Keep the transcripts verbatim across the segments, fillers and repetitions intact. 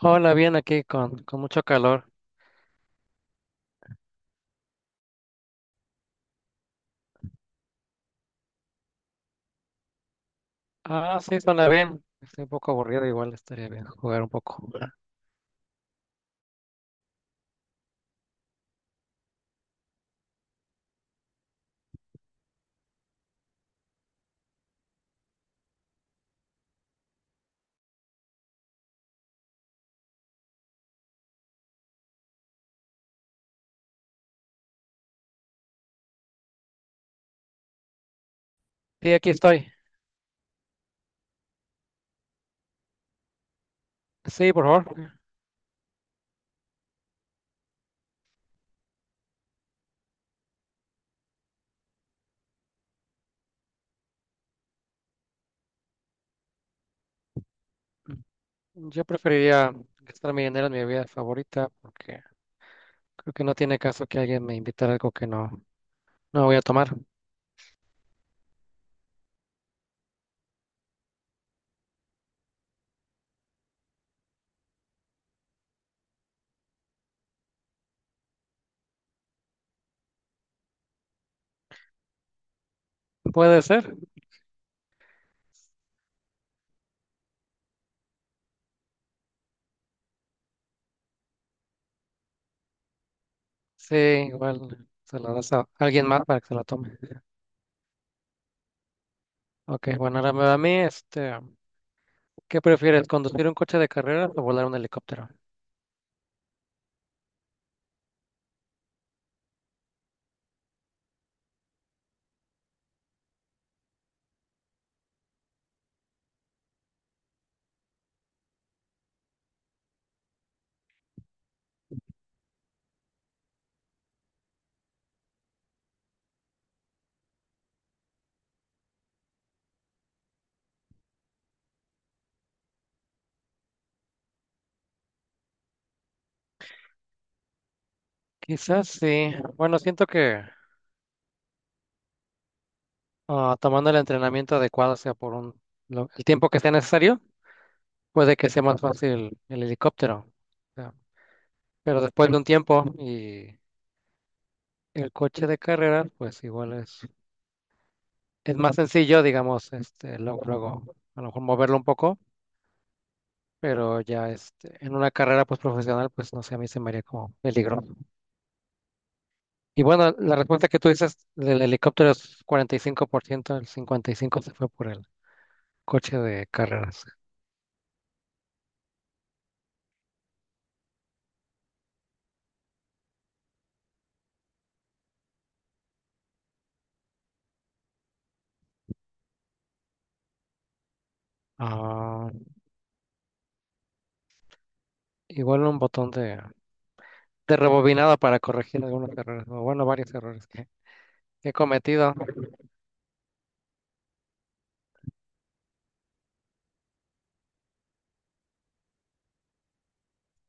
Hola, bien aquí con, con mucho calor. Ah, sí, suena bien. Estoy un poco aburrido, igual estaría bien jugar un poco. Sí, aquí estoy. Sí, por favor. Yo preferiría gastar mi dinero en mi bebida favorita porque creo que no tiene caso que alguien me invitara algo que no, no voy a tomar. ¿Puede ser? Sí, igual se la das a alguien más para que se la tome. Ok, bueno, ahora me va a mí, este, ¿qué prefieres, conducir un coche de carreras o volar un helicóptero? Quizás sí. Bueno, siento que ah, tomando el entrenamiento adecuado, sea por un, lo- el tiempo que sea necesario, puede que sea más fácil el helicóptero. O sea, pero después de un tiempo y el coche de carrera, pues igual es, es más sencillo, digamos, este, luego, luego, a lo mejor moverlo un poco, pero ya este, en una carrera pues profesional, pues no sé, a mí se me haría como peligroso. Y bueno, la respuesta que tú dices del helicóptero es cuarenta y cinco por ciento, el cincuenta y cinco por ciento se fue por el coche de carreras. Ah, igual un botón de de rebobinado para corregir algunos errores, o bueno, varios errores que, que he cometido.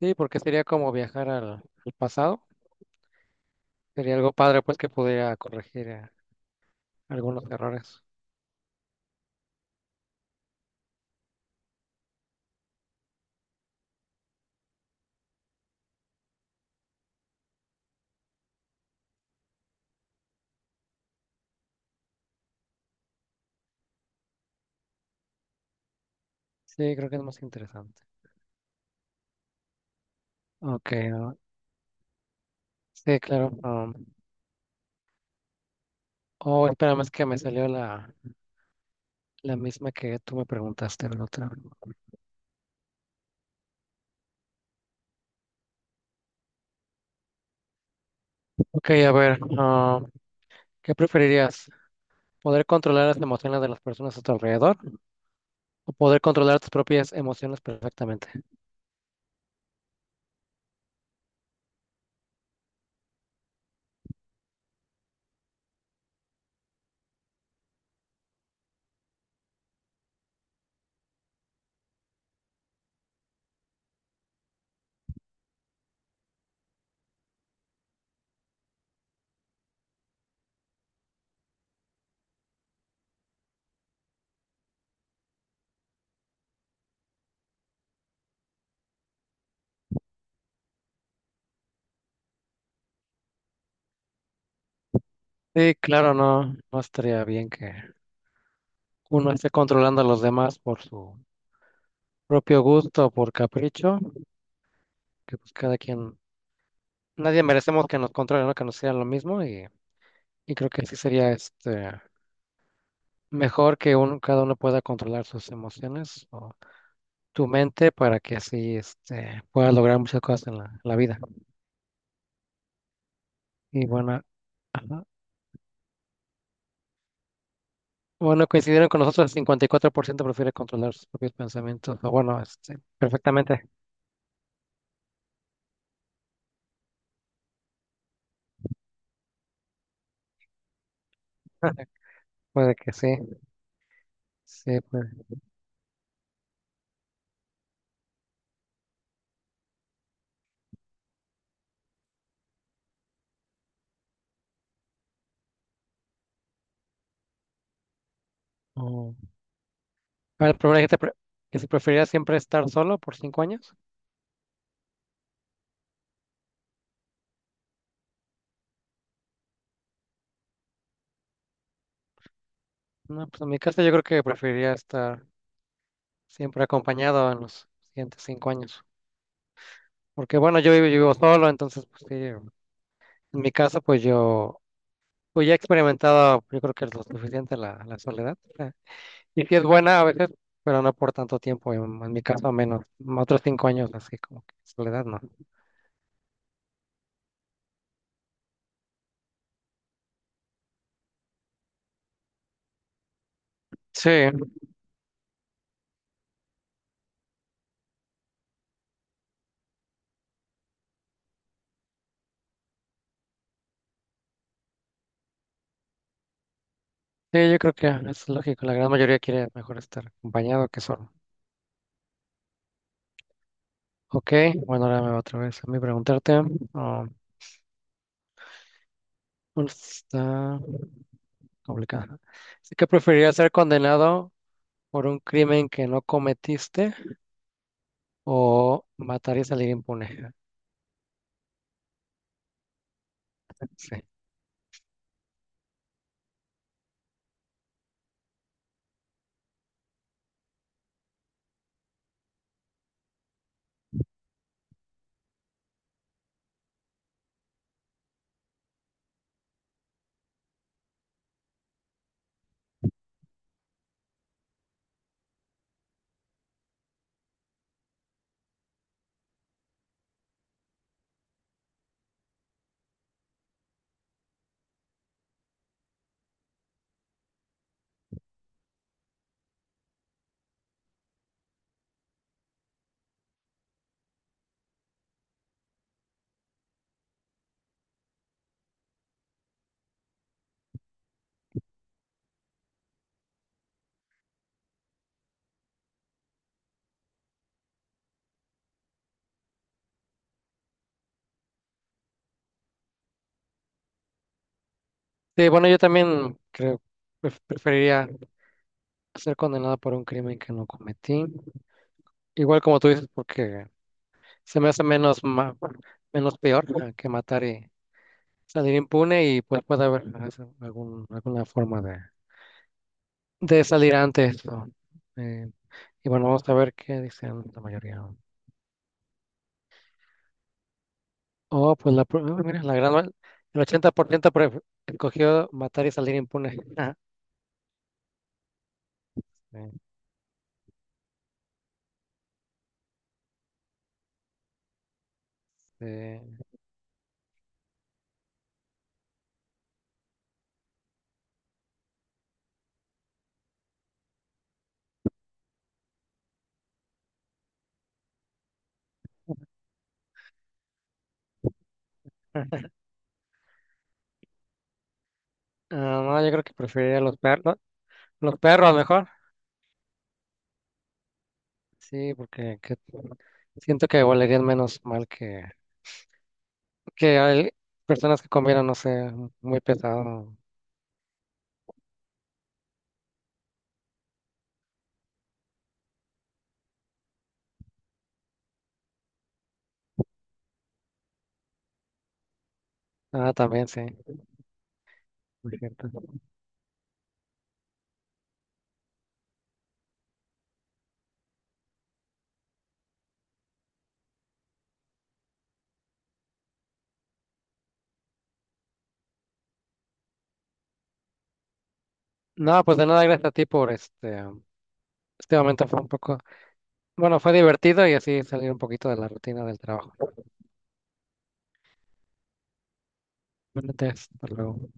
Sí, porque sería como viajar al, al pasado. Sería algo padre, pues, que pudiera corregir eh, algunos errores. Sí, creo que es más interesante. Ok, ah, sí, claro. ah, oh, espérame, es que me salió la, la misma que tú me preguntaste, la otra. Ok, a ver, ah, ¿qué preferirías? ¿Poder controlar las emociones de las personas a tu alrededor o poder controlar tus propias emociones perfectamente? Sí, claro, no, no estaría bien que uno esté controlando a los demás por su propio gusto, por capricho, que pues cada quien, nadie merecemos que nos controle, ¿no? Que nos sea lo mismo y, y creo que sí sería este mejor que uno, cada uno pueda controlar sus emociones o tu mente para que así este puedas lograr muchas cosas en la, en la vida. Y bueno, ajá. Bueno, coincidieron con nosotros, el cincuenta y cuatro por ciento prefiere controlar sus propios pensamientos. O bueno, este, perfectamente. Puede que sí, sí, puede. Oh. A ver, primero dijiste pre- que si preferiría siempre estar solo por cinco años. No, pues en mi caso yo creo que preferiría estar siempre acompañado en los siguientes cinco años. Porque bueno, yo vivo, yo vivo solo, entonces pues sí, en mi caso pues yo pues ya he experimentado, yo creo que es lo suficiente la, la soledad. Eh, Y si es buena a veces, pero no por tanto tiempo, en, en mi caso menos, otros cinco años así como que soledad, ¿no? Sí, sí, yo creo que es lógico, la gran mayoría quiere mejor estar acompañado que solo. Ok, bueno, ahora me va otra vez a mí preguntarte. ah, bueno, está complicada. Así que preferirías ser condenado por un crimen que no cometiste o matar y salir impune. Sí. Sí, bueno, yo también creo, pref- preferiría ser condenado por un crimen que no cometí. Igual como tú dices, porque se me hace menos, ma- menos peor, eh, que matar y salir impune, y pues puede haber eh, algún, alguna forma de de salir antes, ¿no? Eh, y bueno, vamos a ver qué dicen la mayoría. Oh, pues la, pro- ah, mira, la gran, ma- el ochenta por ciento pre- escogió matar y salir impune. Ah, este, ah, no, yo creo que preferiría los perros, ¿no? Los perros mejor. Sí, porque que- siento que valerían menos mal que, que hay personas que comieron, no sé, muy pesado. Ah, también sí, muy cierto. No, pues de nada, gracias a ti por este, este momento. Fue un poco. Bueno, fue divertido y así salir un poquito de la rutina del trabajo. Bueno, entonces, hasta luego.